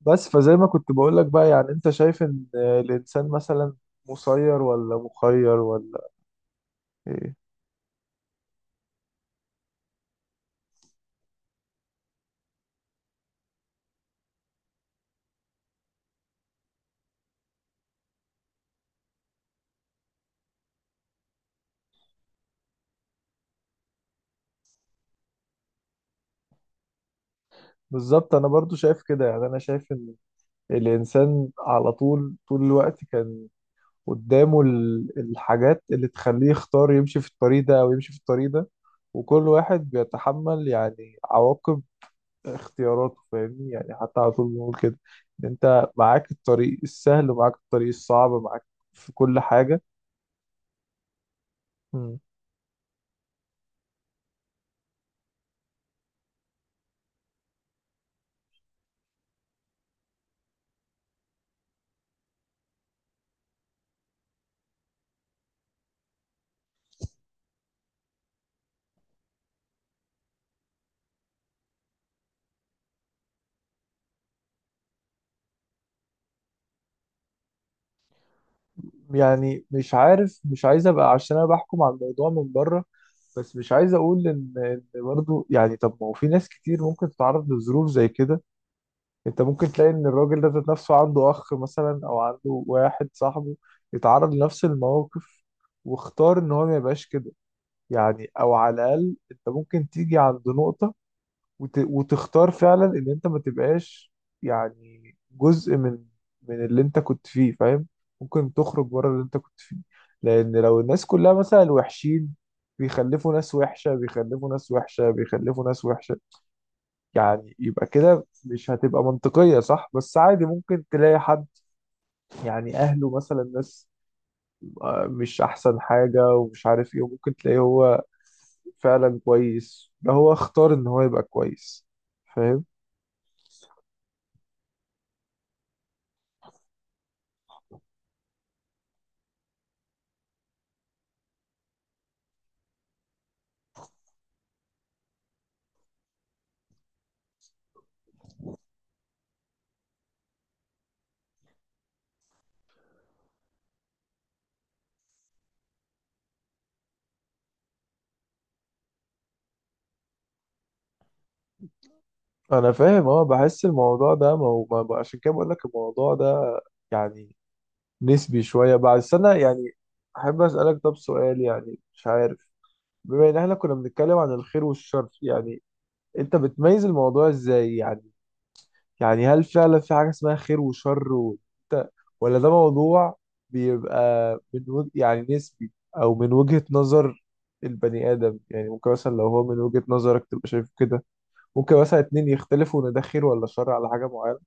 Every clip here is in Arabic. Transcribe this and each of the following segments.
بس فزي ما كنت بقول لك بقى، يعني انت شايف ان الانسان مثلا مسير ولا مخير، ولا ايه؟ بالظبط، انا برضو شايف كده. يعني انا شايف ان الانسان على طول الوقت كان قدامه الحاجات اللي تخليه يختار يمشي في الطريق ده او يمشي في الطريق ده، وكل واحد بيتحمل يعني عواقب اختياراته. فاهمني؟ يعني حتى على طول بنقول كده، ان انت معاك الطريق السهل ومعاك الطريق الصعب، معاك في كل حاجة. يعني مش عارف، مش عايز ابقى عشان انا بحكم على الموضوع من بره، بس مش عايز اقول ان برضه، يعني طب ما هو في ناس كتير ممكن تتعرض لظروف زي كده. انت ممكن تلاقي ان الراجل ده ذات نفسه عنده اخ مثلا او عنده واحد صاحبه يتعرض لنفس المواقف، واختار ان هو ما يبقاش كده. يعني او على الاقل انت ممكن تيجي عند نقطة، وتختار فعلا ان انت ما تبقاش يعني جزء من اللي انت كنت فيه. فاهم؟ ممكن تخرج بره اللي انت كنت فيه. لان لو الناس كلها مثلا وحشين، بيخلفوا ناس وحشة، بيخلفوا ناس وحشة، بيخلفوا ناس وحشة، يعني يبقى كده مش هتبقى منطقية، صح؟ بس عادي ممكن تلاقي حد، يعني أهله مثلا ناس مش أحسن حاجة ومش عارف إيه، وممكن تلاقيه هو فعلا كويس، ده هو اختار إن هو يبقى كويس. فاهم؟ انا فاهم، اه، بحس الموضوع ده ما هو عشان كده بقول لك الموضوع ده يعني نسبي شويه بعد سنه. يعني احب اسالك طب سؤال، يعني مش عارف، بما ان احنا كنا بنتكلم عن الخير والشر، يعني انت بتميز الموضوع ازاي؟ يعني هل فعلا في حاجه اسمها خير وشر وانت، ولا ده موضوع بيبقى يعني نسبي، او من وجهه نظر البني ادم؟ يعني ممكن مثلا لو هو من وجهه نظرك تبقى شايف كده، ممكن مثلا اتنين يختلفوا ان ده خير ولا شر على حاجه معينه.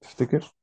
تفتكر؟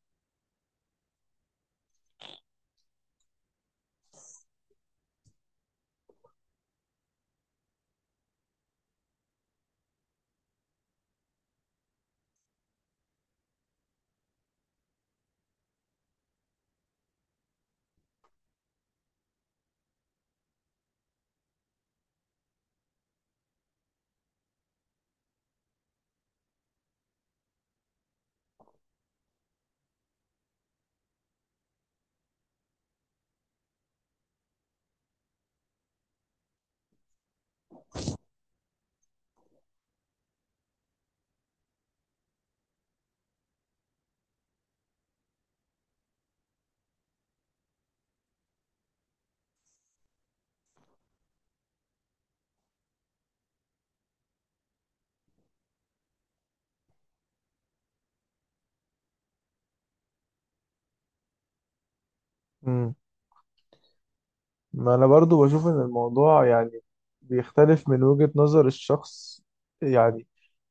امم ما انا برضو بشوف ان الموضوع يعني بيختلف من وجهة نظر الشخص. يعني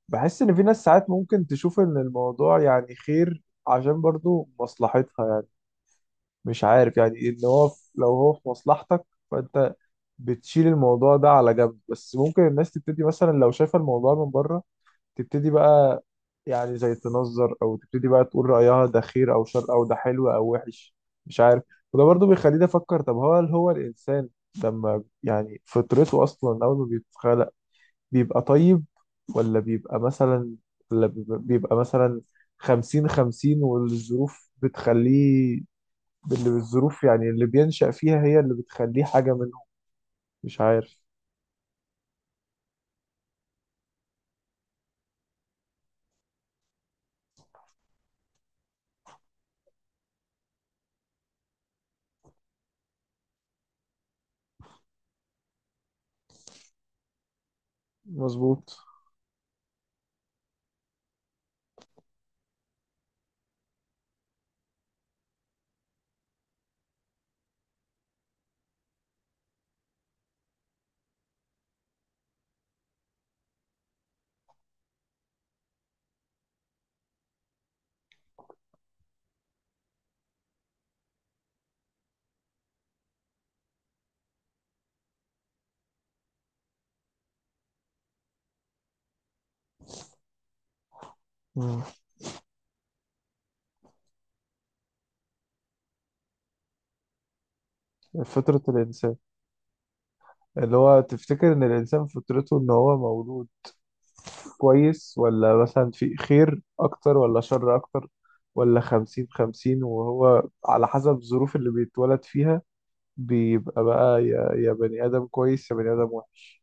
بحس ان في ناس ساعات ممكن تشوف ان الموضوع يعني خير عشان برضو مصلحتها، يعني مش عارف، يعني ان هو لو هو في مصلحتك، فانت بتشيل الموضوع ده على جنب. بس ممكن الناس تبتدي مثلا لو شايفة الموضوع من بره تبتدي بقى، يعني زي تنظر، او تبتدي بقى تقول رأيها ده خير او شر، او ده حلو او وحش، مش عارف. وده برضو بيخليني افكر، طب هو هل هو الانسان لما يعني فطرته اصلا اول ما بيتخلق بيبقى طيب، ولا بيبقى مثلا، ولا بيبقى مثلا خمسين خمسين والظروف بتخليه، اللي بالظروف يعني اللي بينشأ فيها هي اللي بتخليه حاجة منهم. مش عارف. مظبوط. مم. فطرة الإنسان، اللي هو تفتكر ان الانسان فطرته ان هو مولود كويس، ولا مثلا في خير اكتر ولا شر اكتر، ولا خمسين خمسين وهو على حسب الظروف اللي بيتولد فيها بيبقى بقى يا بني ادم كويس يا بني ادم وحش؟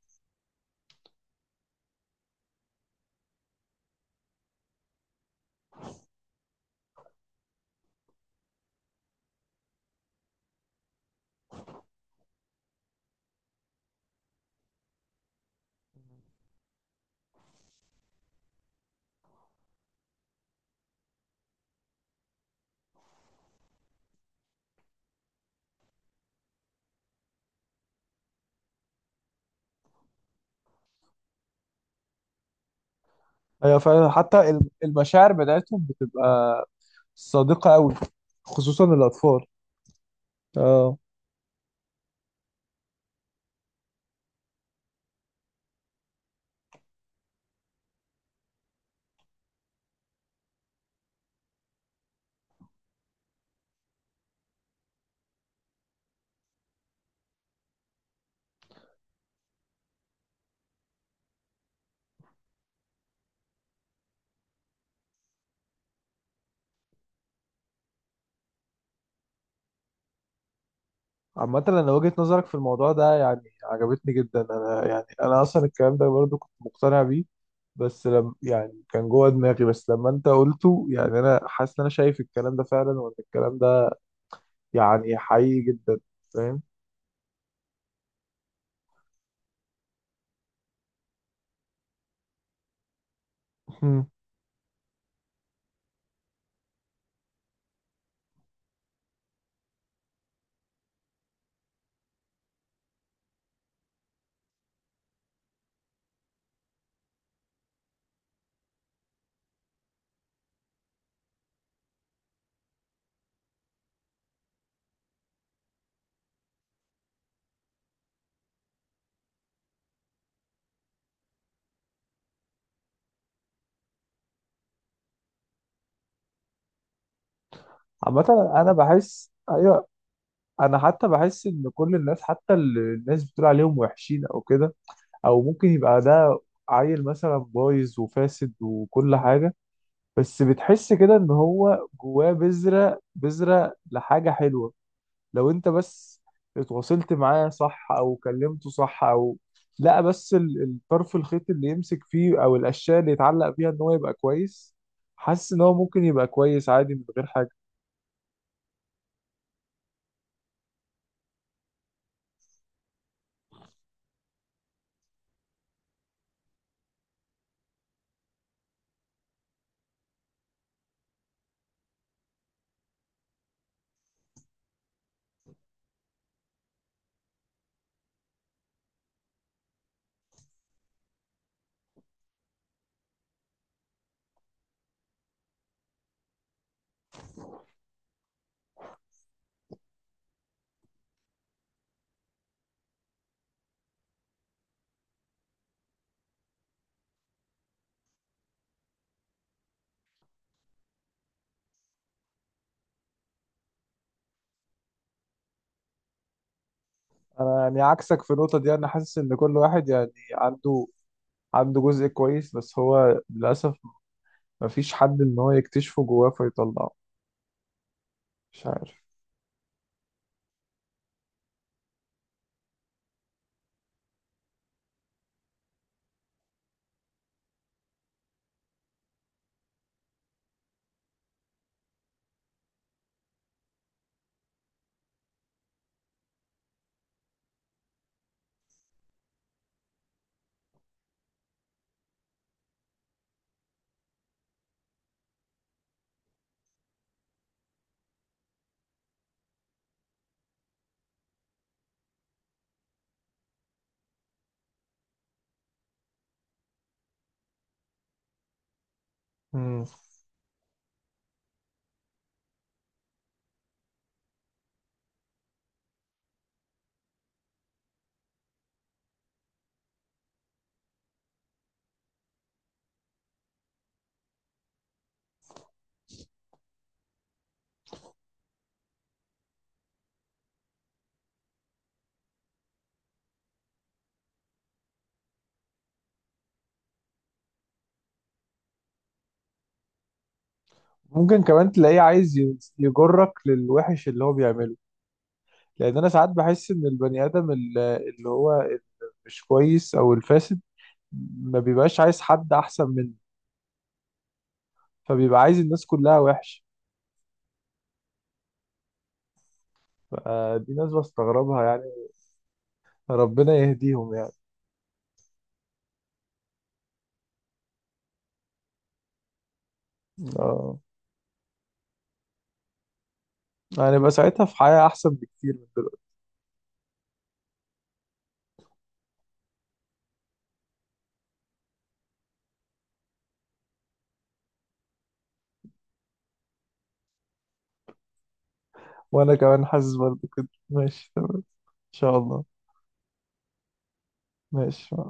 ايوه فعلا، حتى المشاعر بتاعتهم بتبقى صادقة قوي، خصوصا الاطفال. اه. عامة وجهة نظرك في الموضوع ده يعني عجبتني جدا. يعني أنا أصلا الكلام ده برضو كنت مقتنع بيه، بس لم يعني كان جوه دماغي، بس لما أنت قلته يعني أنا حاسس إن أنا شايف الكلام ده فعلا، وإن الكلام ده يعني حقيقي جدا. فاهم؟ مم. عامة أنا بحس أيوه، أنا حتى بحس إن كل الناس، حتى اللي الناس بتقول عليهم وحشين أو كده، أو ممكن يبقى ده عيل مثلا بايظ وفاسد وكل حاجة، بس بتحس كده ان هو جواه بذرة لحاجة حلوة، لو انت بس اتواصلت معاه صح او كلمته صح، او لا بس الطرف الخيط اللي يمسك فيه، او الاشياء اللي يتعلق فيها ان هو يبقى كويس. حاسس ان هو ممكن يبقى كويس عادي من غير حاجة. انا يعني عكسك في النقطة دي، انا حاسس ان كل واحد يعني عنده جزء كويس، بس هو للأسف مفيش حد ان هو يكتشفه جواه فيطلعه. مش عارف. مم. ممكن كمان تلاقيه عايز يجرك للوحش اللي هو بيعمله. لان انا ساعات بحس ان البني ادم اللي هو مش كويس او الفاسد ما بيبقاش عايز حد احسن منه، فبيبقى عايز الناس كلها وحش. فدي ناس بستغربها يعني، ربنا يهديهم يعني. اه، هنبقى ساعتها في حياة احسن بكتير من دلوقتي. وانا كمان حاسس برضه كده. ماشي، تمام، ان شاء الله. ماشي مع